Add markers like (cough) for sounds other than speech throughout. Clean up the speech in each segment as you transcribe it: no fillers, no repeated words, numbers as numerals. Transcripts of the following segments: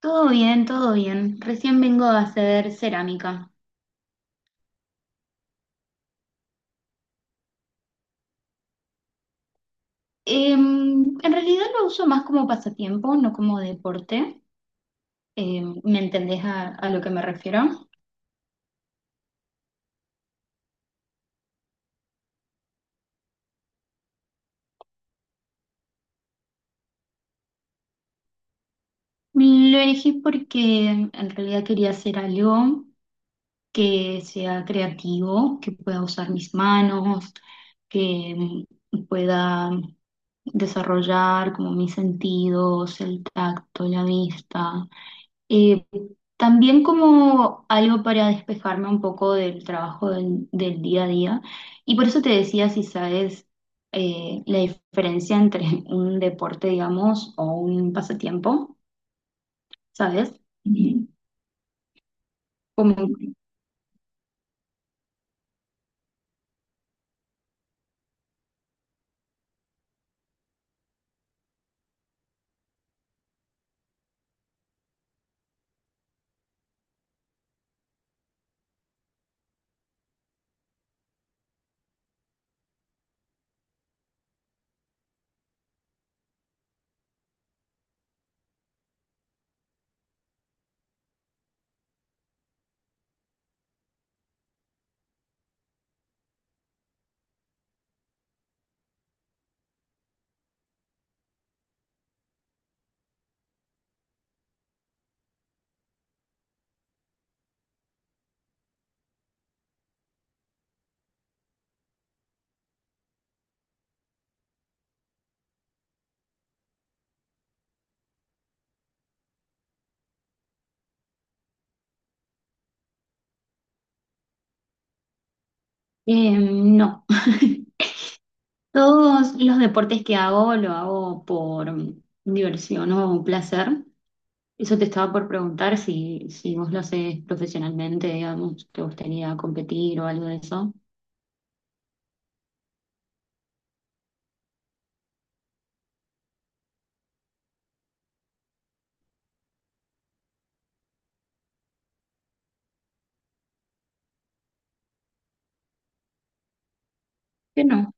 Todo bien, todo bien. Recién vengo a hacer cerámica. En realidad lo uso más como pasatiempo, no como deporte. ¿Me entendés a lo que me refiero? Lo elegí porque en realidad quería hacer algo que sea creativo, que pueda usar mis manos, que pueda desarrollar como mis sentidos, el tacto, la vista. Eh, También como algo para despejarme un poco del trabajo del día a día. Y por eso te decía si sabes la diferencia entre (laughs) un deporte, digamos, o un pasatiempo, ¿sabes? Ujú. Como, no. (laughs) Todos los deportes que hago lo hago por diversión o placer. Eso te estaba por preguntar si vos lo haces profesionalmente, digamos, te gustaría competir o algo de eso. Que no.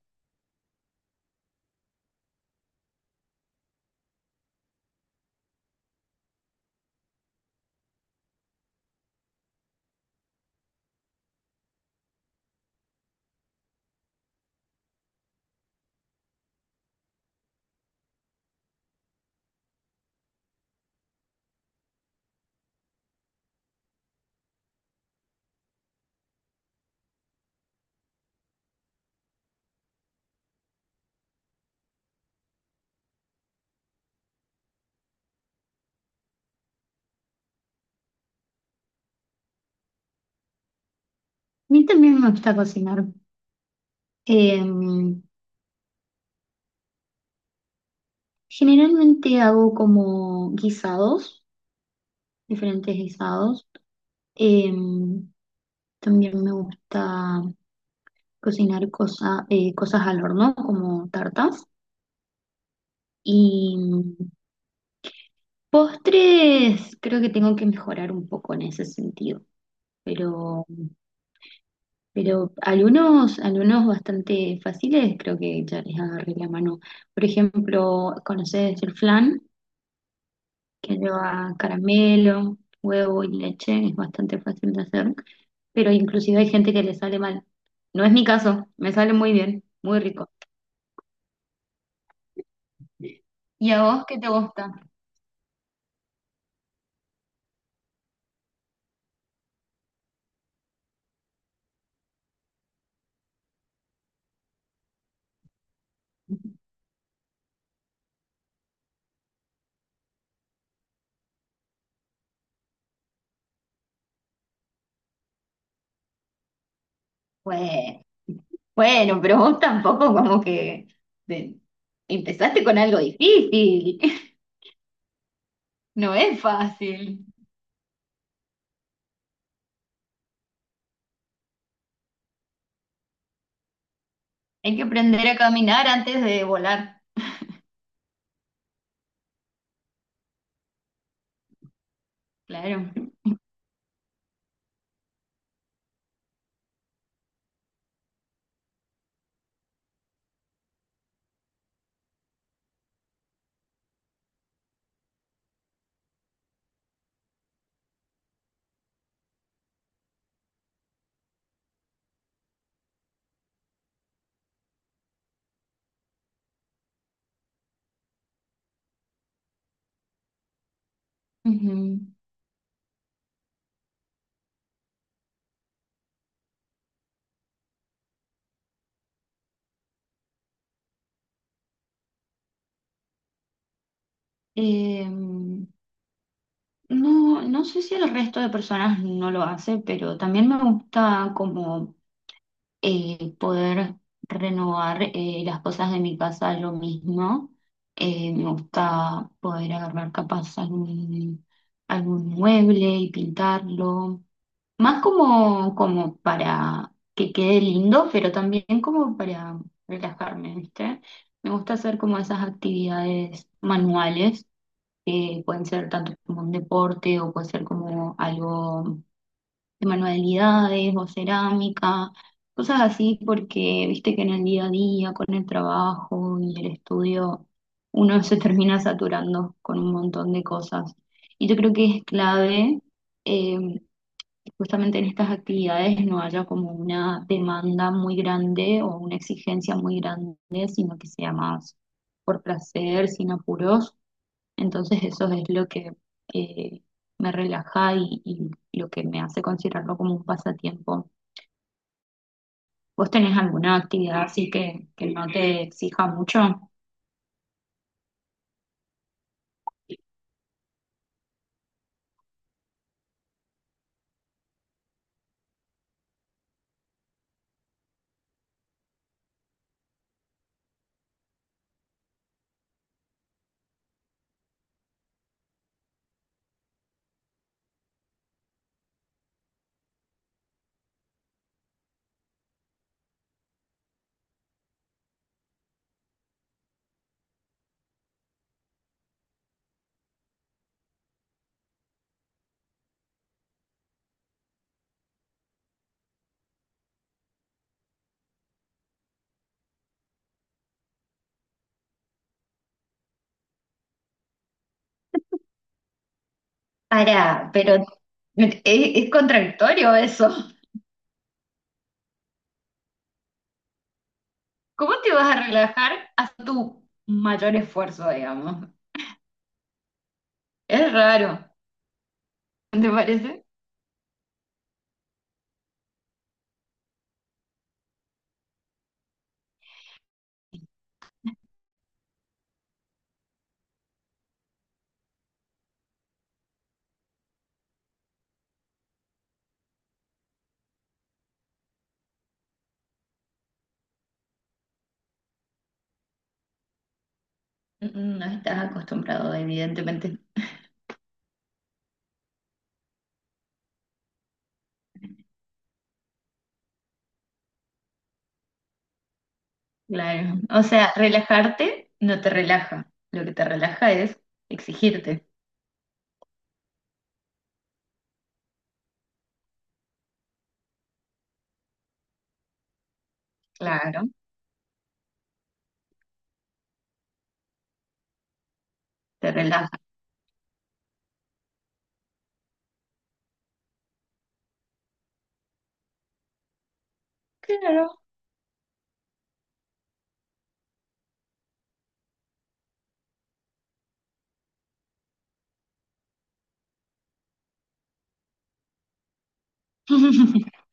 A mí también me gusta cocinar. Eh, Generalmente hago como guisados, diferentes guisados. Eh, También me gusta cosas al horno, como tartas. Y postres, creo que tengo que mejorar un poco en ese sentido. Pero, pero algunos bastante fáciles, creo que ya les agarré la mano. Por ejemplo, ¿conoces el flan? Que lleva caramelo, huevo y leche, es bastante fácil de hacer, pero inclusive hay gente que le sale mal. No es mi caso, me sale muy bien, muy rico. ¿Y a vos qué te gusta? Pues, bueno, pero vos tampoco como que de- empezaste con algo difícil. (laughs) No es fácil. Hay que aprender a caminar antes de volar, claro. Ujú. Eh, no, no sé si el resto de personas no lo hace, pero también me gusta como poder renovar las cosas de mi casa yo mismo. Me gusta poder agarrar capaz algún mueble y pintarlo, más como, como para que quede lindo, pero también como para relajarme, ¿viste? Me gusta hacer como esas actividades manuales, que pueden ser tanto como un deporte o puede ser como algo de manualidades o cerámica, cosas así, porque viste que en el día a día, con el trabajo y el estudio, uno se termina saturando con un montón de cosas. Y yo creo que es clave, eh, justamente en estas actividades, no haya como una demanda muy grande o una exigencia muy grande, sino que sea más por placer, sin apuros, entonces eso es lo que eh, me relaja, y, lo que me hace considerarlo como un pasatiempo. ¿Vos tenés alguna actividad así que no te exija mucho? Para, pero es contradictorio eso. (laughs) ¿Cómo te vas a relajar a tu mayor esfuerzo, digamos? Es raro, ¿no? ¿Te parece? Mm, no estás acostumbrado, evidentemente. Claro. O sea, relajarte no te relaja. Lo que te relaja es exigirte. Claro. Te relaja. Claro. (laughs)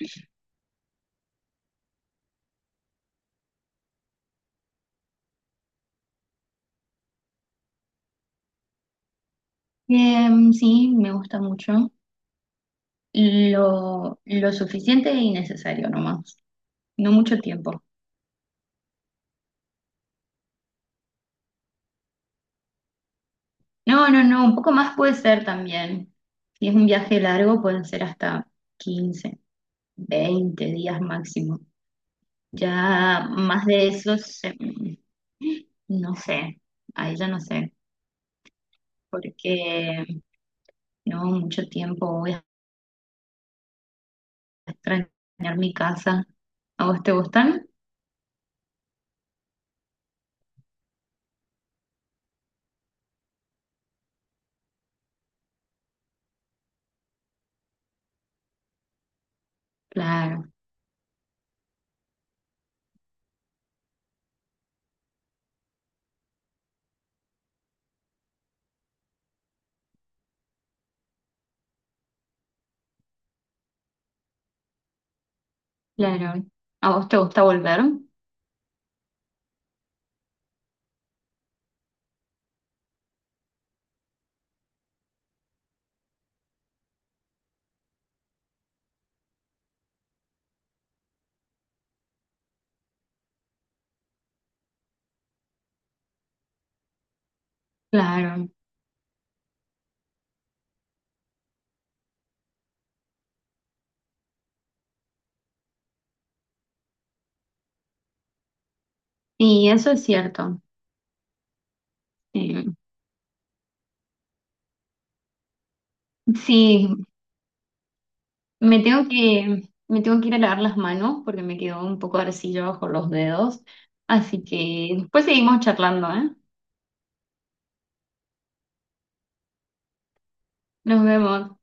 Sí, me gusta mucho. Lo suficiente y necesario nomás. No mucho tiempo. No, no, no, un poco más puede ser también. Si es un viaje largo, pueden ser hasta 15 o 20 días máximo. Ya más de eso, no sé, ahí ya no sé, porque no, mucho tiempo voy a extrañar mi casa. ¿A vos te gustan? Claro. Claro, a vos te gusta volver, claro, y eso es cierto. Eh, sí, me tengo que ir a lavar las manos porque me quedó un poco de arcilla bajo los dedos, así que después seguimos charlando, ¿eh? Nos vemos.